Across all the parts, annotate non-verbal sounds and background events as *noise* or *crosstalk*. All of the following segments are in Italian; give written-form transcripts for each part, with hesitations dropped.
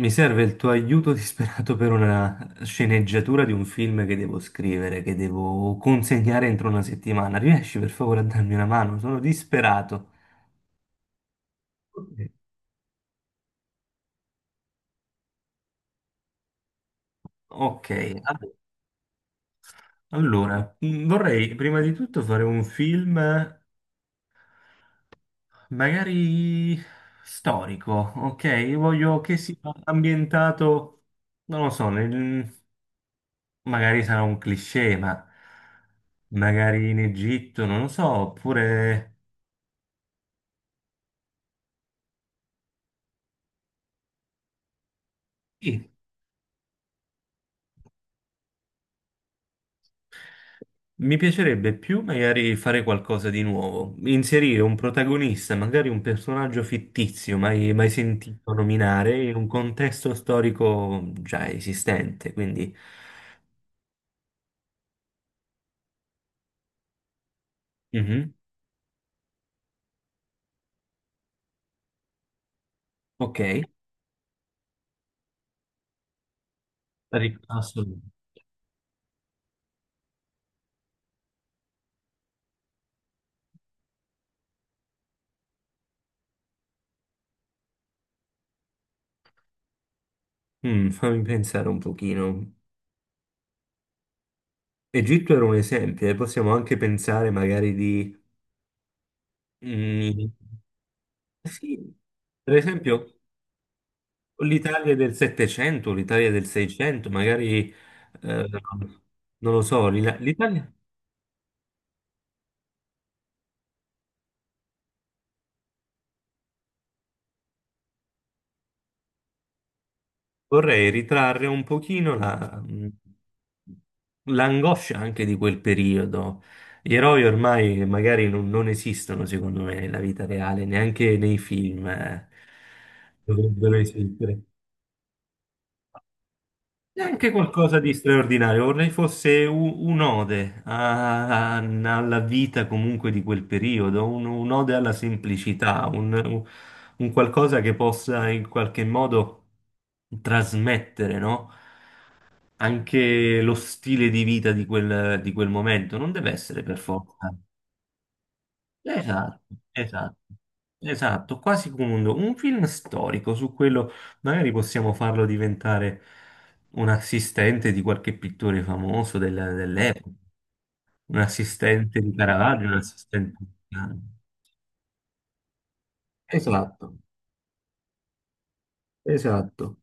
Mi serve il tuo aiuto *laughs* disperato per una sceneggiatura di un film che devo scrivere, che devo consegnare entro una settimana. Riesci per favore a darmi una mano? Sono disperato. Ok, a- allora, vorrei prima di tutto fare un film magari storico, ok? Voglio che sia ambientato, non lo so, magari sarà un cliché, ma magari in Egitto, non lo so, oppure… Sì, mi piacerebbe più magari fare qualcosa di nuovo, inserire un protagonista, magari un personaggio fittizio, mai sentito nominare, in un contesto storico già esistente, quindi… Mhm. Ok. Assolutamente. Mm, fammi pensare un pochino. Egitto era un esempio, e possiamo anche pensare magari di… Mm, sì, per esempio… L'Italia del Settecento, l'Italia del Seicento, magari, eh, non lo so, l'Italia. Vorrei ritrarre un pochino l'angoscia anche di quel periodo. Gli eroi ormai magari non esistono, secondo me, nella vita reale, neanche nei film, dovrebbero esistere. Neanche qualcosa di straordinario, vorrei fosse un'ode alla vita comunque di quel periodo, un'ode alla semplicità, un qualcosa che possa in qualche modo trasmettere, no? Anche lo stile di vita di di quel momento, non deve essere per forza. Esatto, esatto, esatto, quasi come un film storico, su quello magari possiamo farlo diventare un assistente di qualche pittore famoso dell'epoca, un assistente di Caravaggio, un assistente di Piano. Esatto, esatto,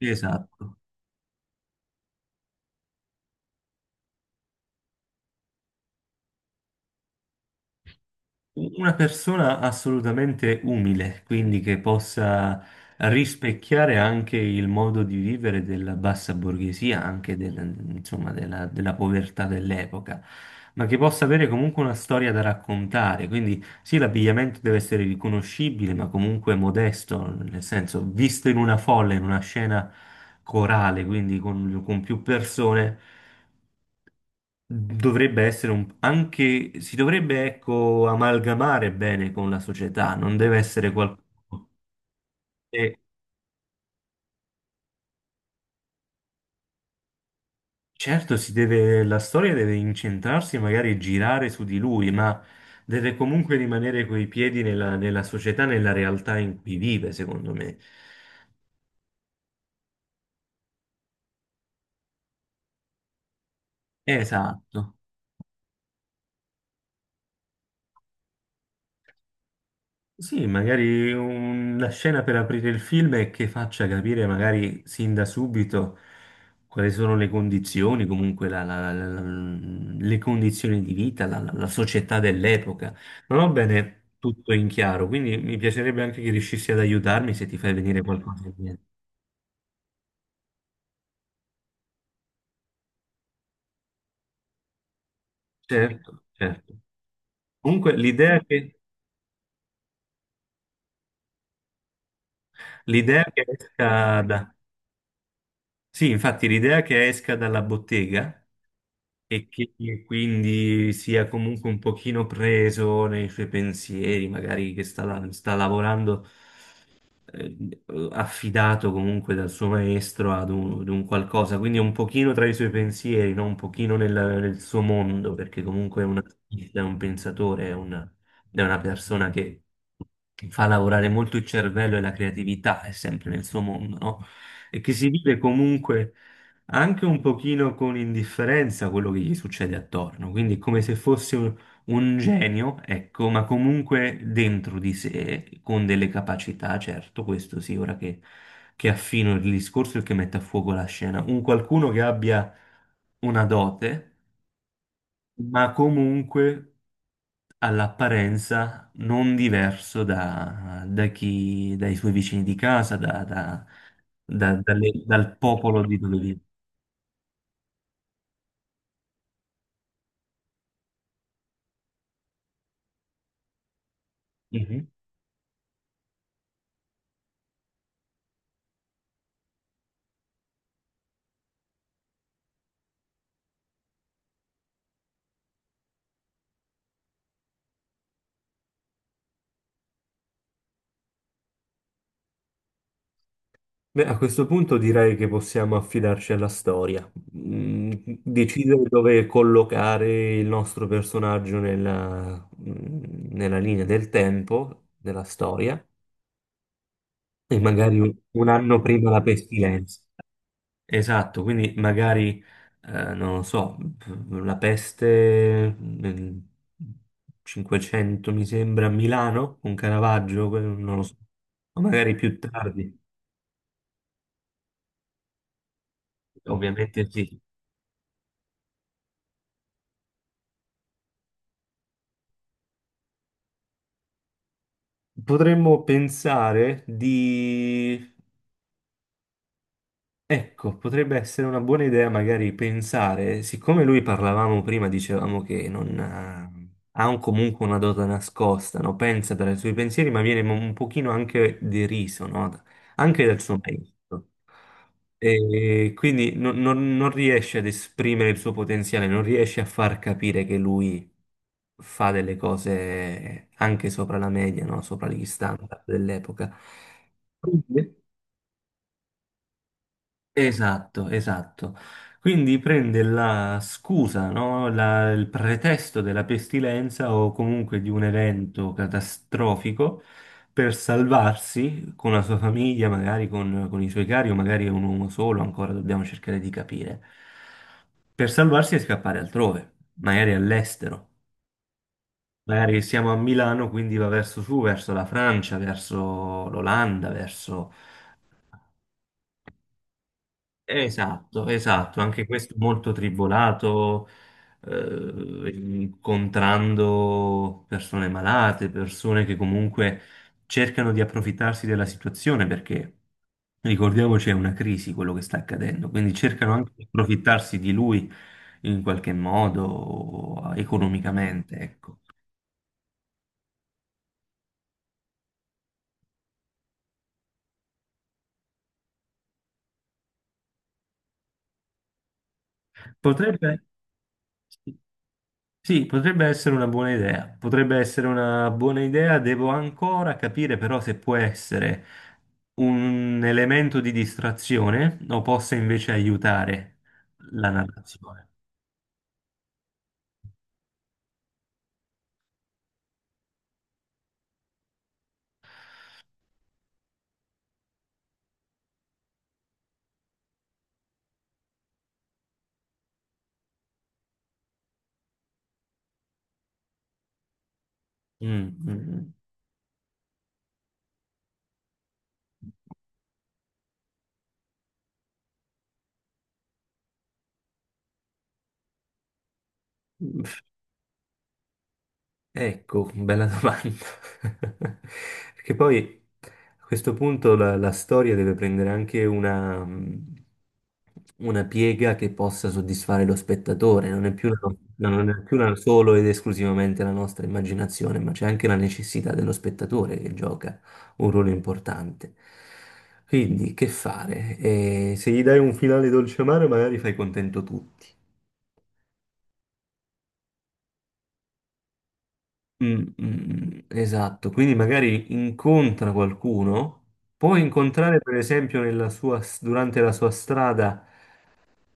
esatto. Una persona assolutamente umile, quindi che possa rispecchiare anche il modo di vivere della bassa borghesia, anche insomma, della povertà dell'epoca, ma che possa avere comunque una storia da raccontare. Quindi sì, l'abbigliamento deve essere riconoscibile, ma comunque modesto, nel senso, visto in una folla, in una scena corale, quindi con più persone. Dovrebbe essere un, anche, si dovrebbe, ecco, amalgamare bene con la società, non deve essere qualcuno. E certo, si deve, la storia deve incentrarsi, magari girare su di lui, ma deve comunque rimanere coi piedi nella società, nella realtà in cui vive, secondo me. Esatto. Sì, magari una scena per aprire il film e che faccia capire magari sin da subito quali sono le condizioni, comunque le condizioni di vita, la società dell'epoca. Non ho bene tutto in chiaro, quindi mi piacerebbe anche che riuscissi ad aiutarmi se ti fai venire qualcosa in mente. Certo, certo. Comunque l'idea che esca da… Sì, infatti l'idea che esca dalla bottega e che quindi sia comunque un pochino preso nei suoi pensieri, magari che sta lavorando eh, affidato comunque dal suo maestro ad ad un qualcosa, quindi è un pochino tra i suoi pensieri, no? Un pochino nel suo mondo, perché comunque è un artista, è un pensatore, è una persona che fa lavorare molto il cervello e la creatività, è sempre nel suo mondo, no? E che si vive comunque anche un pochino con indifferenza quello che gli succede attorno, quindi è come se fosse un genio, ecco, ma comunque dentro di sé, con delle capacità, certo, questo sì, ora che affino il discorso e che mette a fuoco la scena. Un qualcuno che abbia una dote, ma comunque all'apparenza non diverso da chi, dai suoi vicini di casa, dal popolo di dove vive. Beh, a questo punto direi che possiamo affidarci alla storia. Mm, decidere dove collocare il nostro personaggio nella linea del tempo, della storia, e magari un anno prima la pestilenza. Esatto, quindi magari, non lo so, la peste nel 500 mi sembra a Milano, con Caravaggio, non lo so, o magari più tardi, ovviamente sì. Potremmo pensare di… Ecco, potrebbe essere una buona idea magari pensare, siccome lui parlavamo prima, dicevamo che non ha, ha comunque una dote nascosta, no? Pensa per i suoi pensieri, ma viene un pochino anche deriso, no? Anche dal suo maestro. E quindi non riesce ad esprimere il suo potenziale, non riesce a far capire che lui fa delle cose anche sopra la media, no? Sopra gli standard dell'epoca. Esatto, esatto. Quindi prende la scusa, no? Il pretesto della pestilenza o comunque di un evento catastrofico per salvarsi con la sua famiglia, magari con i suoi cari, o magari è un uomo solo, ancora dobbiamo cercare di capire. Per salvarsi e scappare altrove, magari all'estero. Magari siamo a Milano, quindi va verso su, verso la Francia, verso l'Olanda, verso… Esatto, esatto, anche questo molto tribolato, incontrando persone malate, persone che comunque cercano di approfittarsi della situazione perché ricordiamoci è una crisi quello che sta accadendo, quindi cercano anche di approfittarsi di lui in qualche modo economicamente, ecco. Potrebbe… sì. Sì, potrebbe essere una buona idea, potrebbe essere una buona idea, devo ancora capire però se può essere un elemento di distrazione o possa invece aiutare la narrazione. Mm, mm, mm. Ecco, bella domanda. *laughs* Perché poi a questo punto la storia deve prendere anche una piega che possa soddisfare lo spettatore, non è più no, non è più solo ed esclusivamente la nostra immaginazione, ma c'è anche la necessità dello spettatore che gioca un ruolo importante. Quindi, che fare? Se gli dai un finale dolce amaro, magari fai contento tutti. Mm, mm, mm. Esatto, quindi magari incontra qualcuno, può incontrare per esempio nella sua, durante la sua strada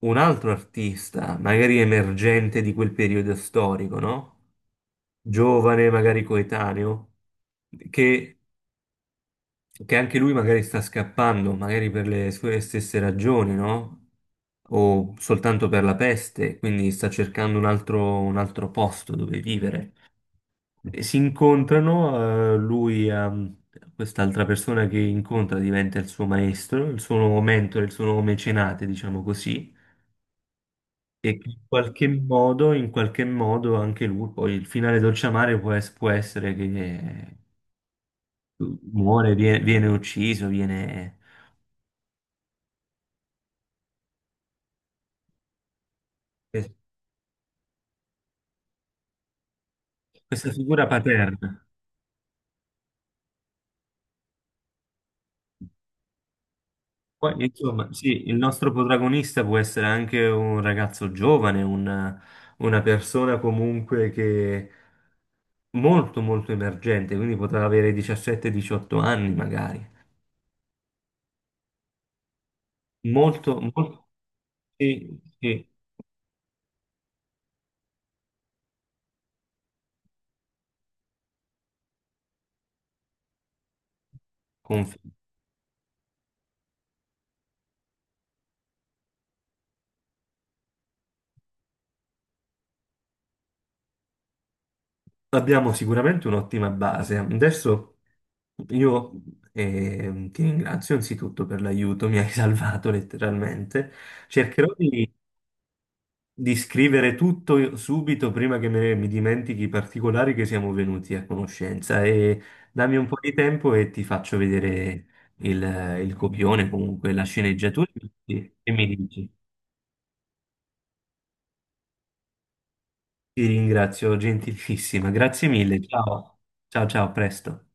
un altro artista, magari emergente di quel periodo storico, no? Giovane, magari coetaneo, che, che anche lui magari sta scappando, magari per le sue stesse ragioni, no? O soltanto per la peste, quindi sta cercando un altro posto dove vivere. E si incontrano, lui ha quest'altra persona che incontra diventa il suo maestro, il suo nuovo mentore, il suo nuovo mecenate, diciamo così, e che in qualche modo anche lui, poi il finale dolciamare può, può essere che muore, viene ucciso, viene… eh, questa figura paterna. Poi, insomma, sì, il nostro protagonista può essere anche un ragazzo giovane, una persona comunque che molto molto emergente, quindi poteva avere 17-18 anni magari. Molto, molto… Sì, sì, confermo. Abbiamo sicuramente un'ottima base. Adesso io ti ringrazio anzitutto per l'aiuto, mi hai *laughs* salvato letteralmente. Cercherò di scrivere tutto subito prima che mi dimentichi i particolari che siamo venuti a conoscenza e dammi un po' di tempo e ti faccio vedere il, il copione, comunque la sceneggiatura e mi dici. Ti ringrazio gentilissima, grazie mille, ciao, ciao, ciao, a presto.